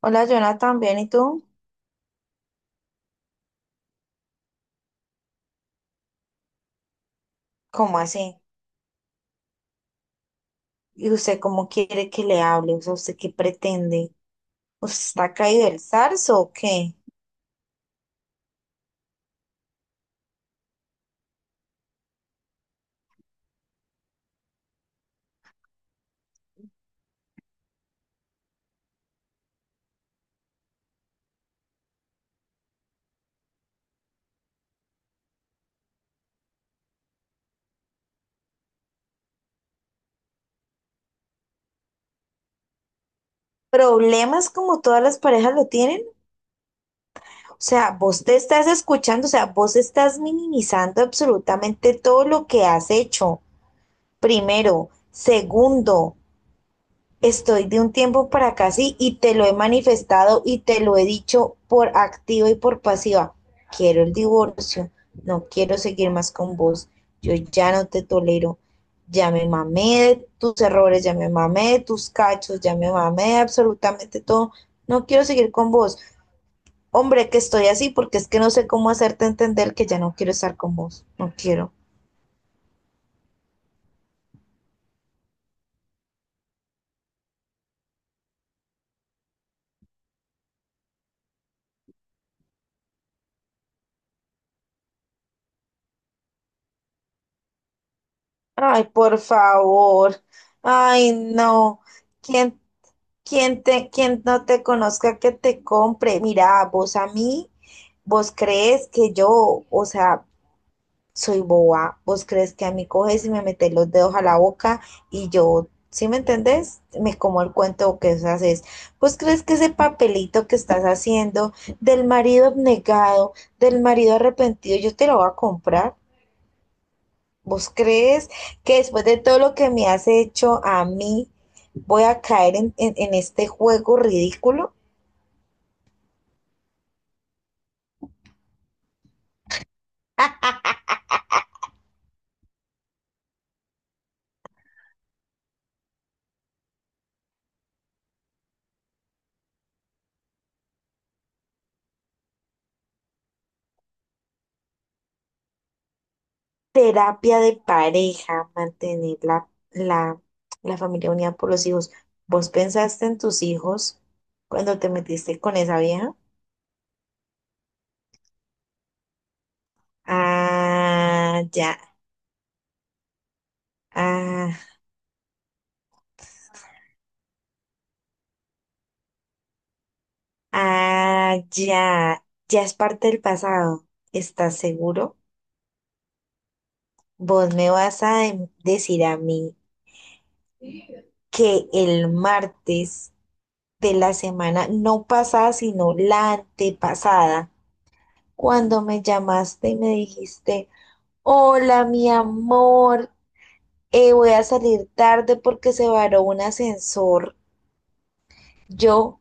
Hola, Jonathan, bien, ¿y tú? ¿Cómo así? ¿Y usted cómo quiere que le hable? O sea, ¿usted qué pretende? ¿Usted está caído del zarzo o qué? ¿Problemas como todas las parejas lo tienen? O sea, vos te estás escuchando, o sea, vos estás minimizando absolutamente todo lo que has hecho. Primero. Segundo, estoy de un tiempo para acá, sí, y te lo he manifestado y te lo he dicho por activa y por pasiva. Quiero el divorcio, no quiero seguir más con vos, yo ya no te tolero, ya me mamé de tus errores, ya me mamé de tus cachos, ya me mamé de absolutamente todo, no quiero seguir con vos. Hombre, que estoy así porque es que no sé cómo hacerte entender que ya no quiero estar con vos, no quiero. Ay, por favor, ay, no, ¿quién Quien te, quien no te conozca, que te compre. Mira, vos a mí, vos crees que yo, o sea, soy boba. Vos crees que a mí coges y me metes los dedos a la boca y yo, ¿sí me entendés? Me como el cuento que vos haces. Vos crees que ese papelito que estás haciendo del marido abnegado, del marido arrepentido, yo te lo voy a comprar. ¿Vos crees que después de todo lo que me has hecho a mí, voy a caer en este juego ridículo? Terapia de pareja, mantener la familia unida por los hijos. ¿Vos pensaste en tus hijos cuando te metiste con esa vieja? Ah, ya, ah, ah, ya, ya es parte del pasado. ¿Estás seguro? Vos me vas a decir a mí que el martes de la semana, no pasada, sino la antepasada, cuando me llamaste y me dijiste... Hola, mi amor. Voy a salir tarde porque se varó un ascensor. Yo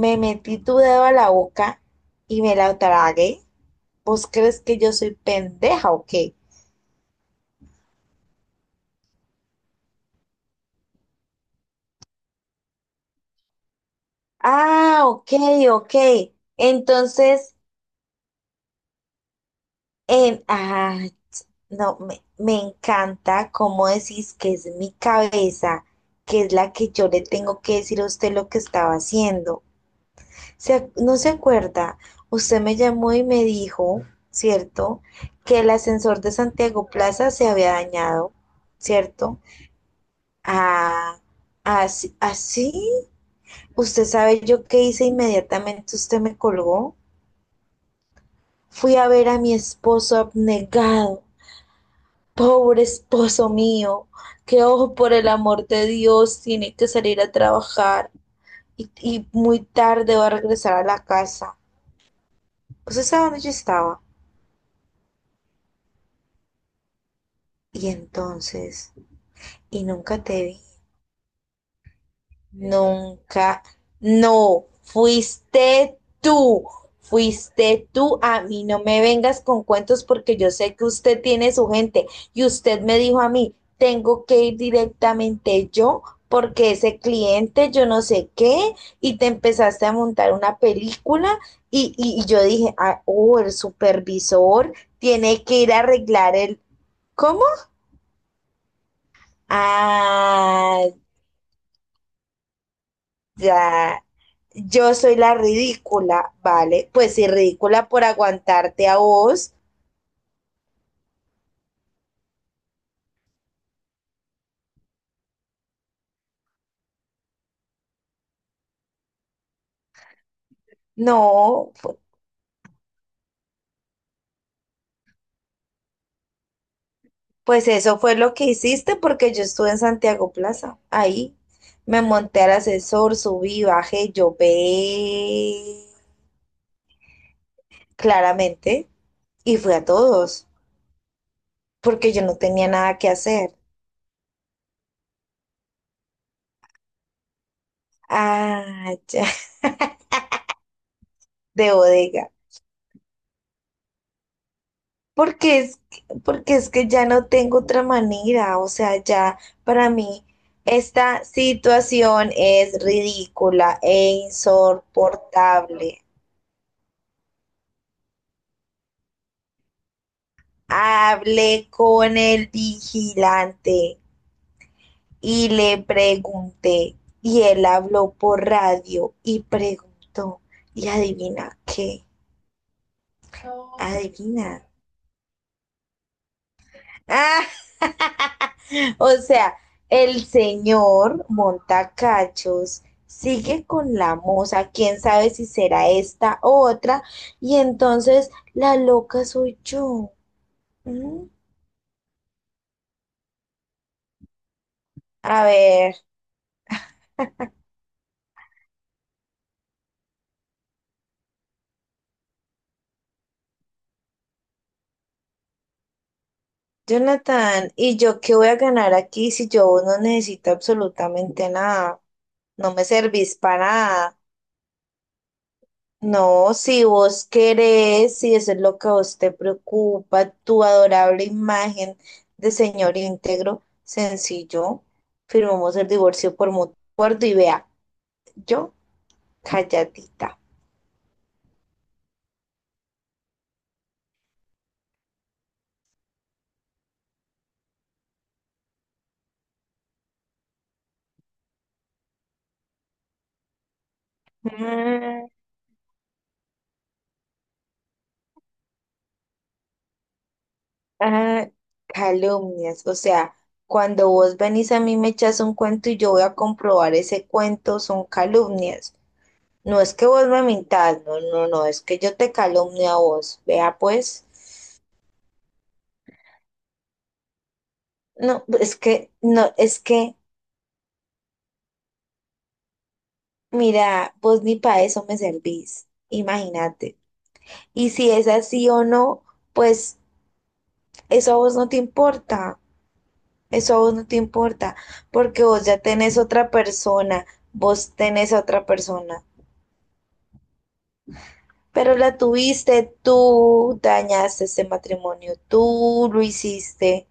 me metí tu dedo a la boca y me la tragué. ¿Vos crees que yo soy pendeja o qué? Ah, ok, ok. Entonces, en... Ah, no, me encanta cómo decís que es mi cabeza, que es la que yo le tengo que decir a usted lo que estaba haciendo. Se ¿No se acuerda? Usted me llamó y me dijo, ¿cierto? Que el ascensor de Santiago Plaza se había dañado, ¿cierto? Ah, así, así. Usted sabe yo qué hice inmediatamente, usted me colgó. Fui a ver a mi esposo abnegado. Pobre esposo mío, que ojo por el amor de Dios, tiene que salir a trabajar y muy tarde va a regresar a la casa. ¿Usted sabe dónde yo estaba? Y entonces, y nunca te vi, nunca, no, fuiste tú, a mí no me vengas con cuentos porque yo sé que usted tiene su gente y usted me dijo a mí, tengo que ir directamente yo porque ese cliente yo no sé qué y te empezaste a montar una película y yo dije, ah, oh, el supervisor tiene que ir a arreglar el... ¿Cómo? Ah, ya, yo soy la ridícula, ¿vale? Pues si ridícula por aguantarte a vos, no, pues eso fue lo que hiciste porque yo estuve en Santiago Plaza, ahí. Me monté al ascensor, subí, bajé, llové claramente y fui a todos porque yo no tenía nada que hacer. Ah, ya, de bodega. Porque es, porque es que ya no tengo otra manera, o sea, ya para mí esta situación es ridícula e insoportable. Hablé con el vigilante y le pregunté, y él habló por radio y preguntó, y adivina qué, adivina. O sea, el señor Montacachos sigue con la moza, quién sabe si será esta o otra, y entonces la loca soy yo. ¿Mm? A ver, Jonathan, ¿y yo qué voy a ganar aquí si yo no necesito absolutamente nada? No me servís para nada. No, si vos querés, si eso es lo que a vos te preocupa, tu adorable imagen de señor íntegro, sencillo, firmamos el divorcio por mutuo acuerdo y vea, yo calladita. Mm, ah, calumnias, o sea, cuando vos venís a mí me echas un cuento y yo voy a comprobar ese cuento, son calumnias. No es que vos me mintas, no, no, no, es que yo te calumnio a vos, vea pues. No, es que, no, es que. Mira, vos ni para eso me servís, imagínate. Y si es así o no, pues eso a vos no te importa, eso a vos no te importa, porque vos ya tenés otra persona, vos tenés a otra persona, pero la tuviste, tú dañaste ese matrimonio, tú lo hiciste.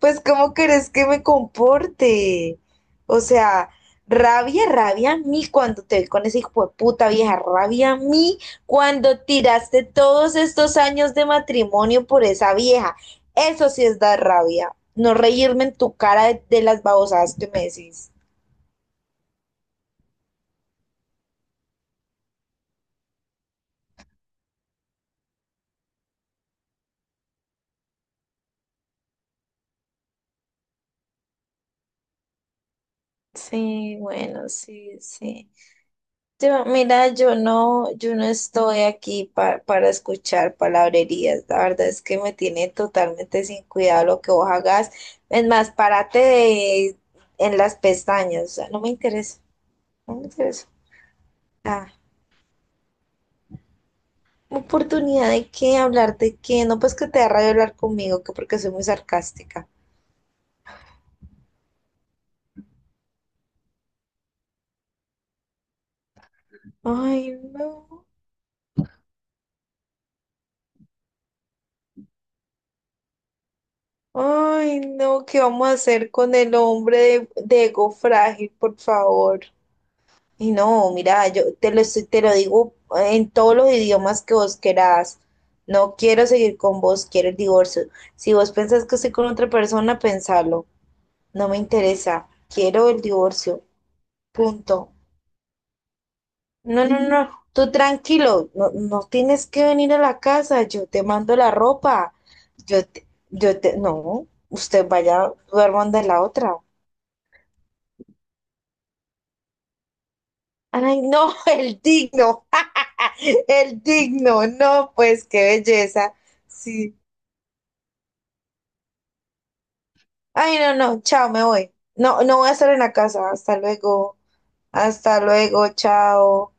Pues, ¿cómo querés que me comporte? O sea, rabia, rabia a mí cuando te vi con ese hijo de puta vieja, rabia a mí cuando tiraste todos estos años de matrimonio por esa vieja. Eso sí es dar rabia. No reírme en tu cara de, las babosadas que me decís. Sí, bueno, sí, sí. Yo, mira, yo no, yo no estoy aquí para escuchar palabrerías. La verdad es que me tiene totalmente sin cuidado lo que vos hagas. Es más, en las pestañas. O sea, no me interesa. No me interesa. Ah, oportunidad de qué, hablar de qué. No, pues que te da rabia hablar conmigo, que porque soy muy sarcástica. Ay, no. Ay, no. ¿Qué vamos a hacer con el hombre de ego frágil, por favor? Y no, mira, yo te lo, te lo digo en todos los idiomas que vos querás. No quiero seguir con vos, quiero el divorcio. Si vos pensás que estoy con otra persona, pensalo. No me interesa. Quiero el divorcio. Punto. No, no, no. Tú tranquilo. No, no tienes que venir a la casa. Yo te mando la ropa. No. Usted vaya, duerman de la otra. Ay, no, el digno, el digno, no, pues qué belleza. Sí. Ay, no, no, chao, me voy. No, no voy a estar en la casa. Hasta luego, chao.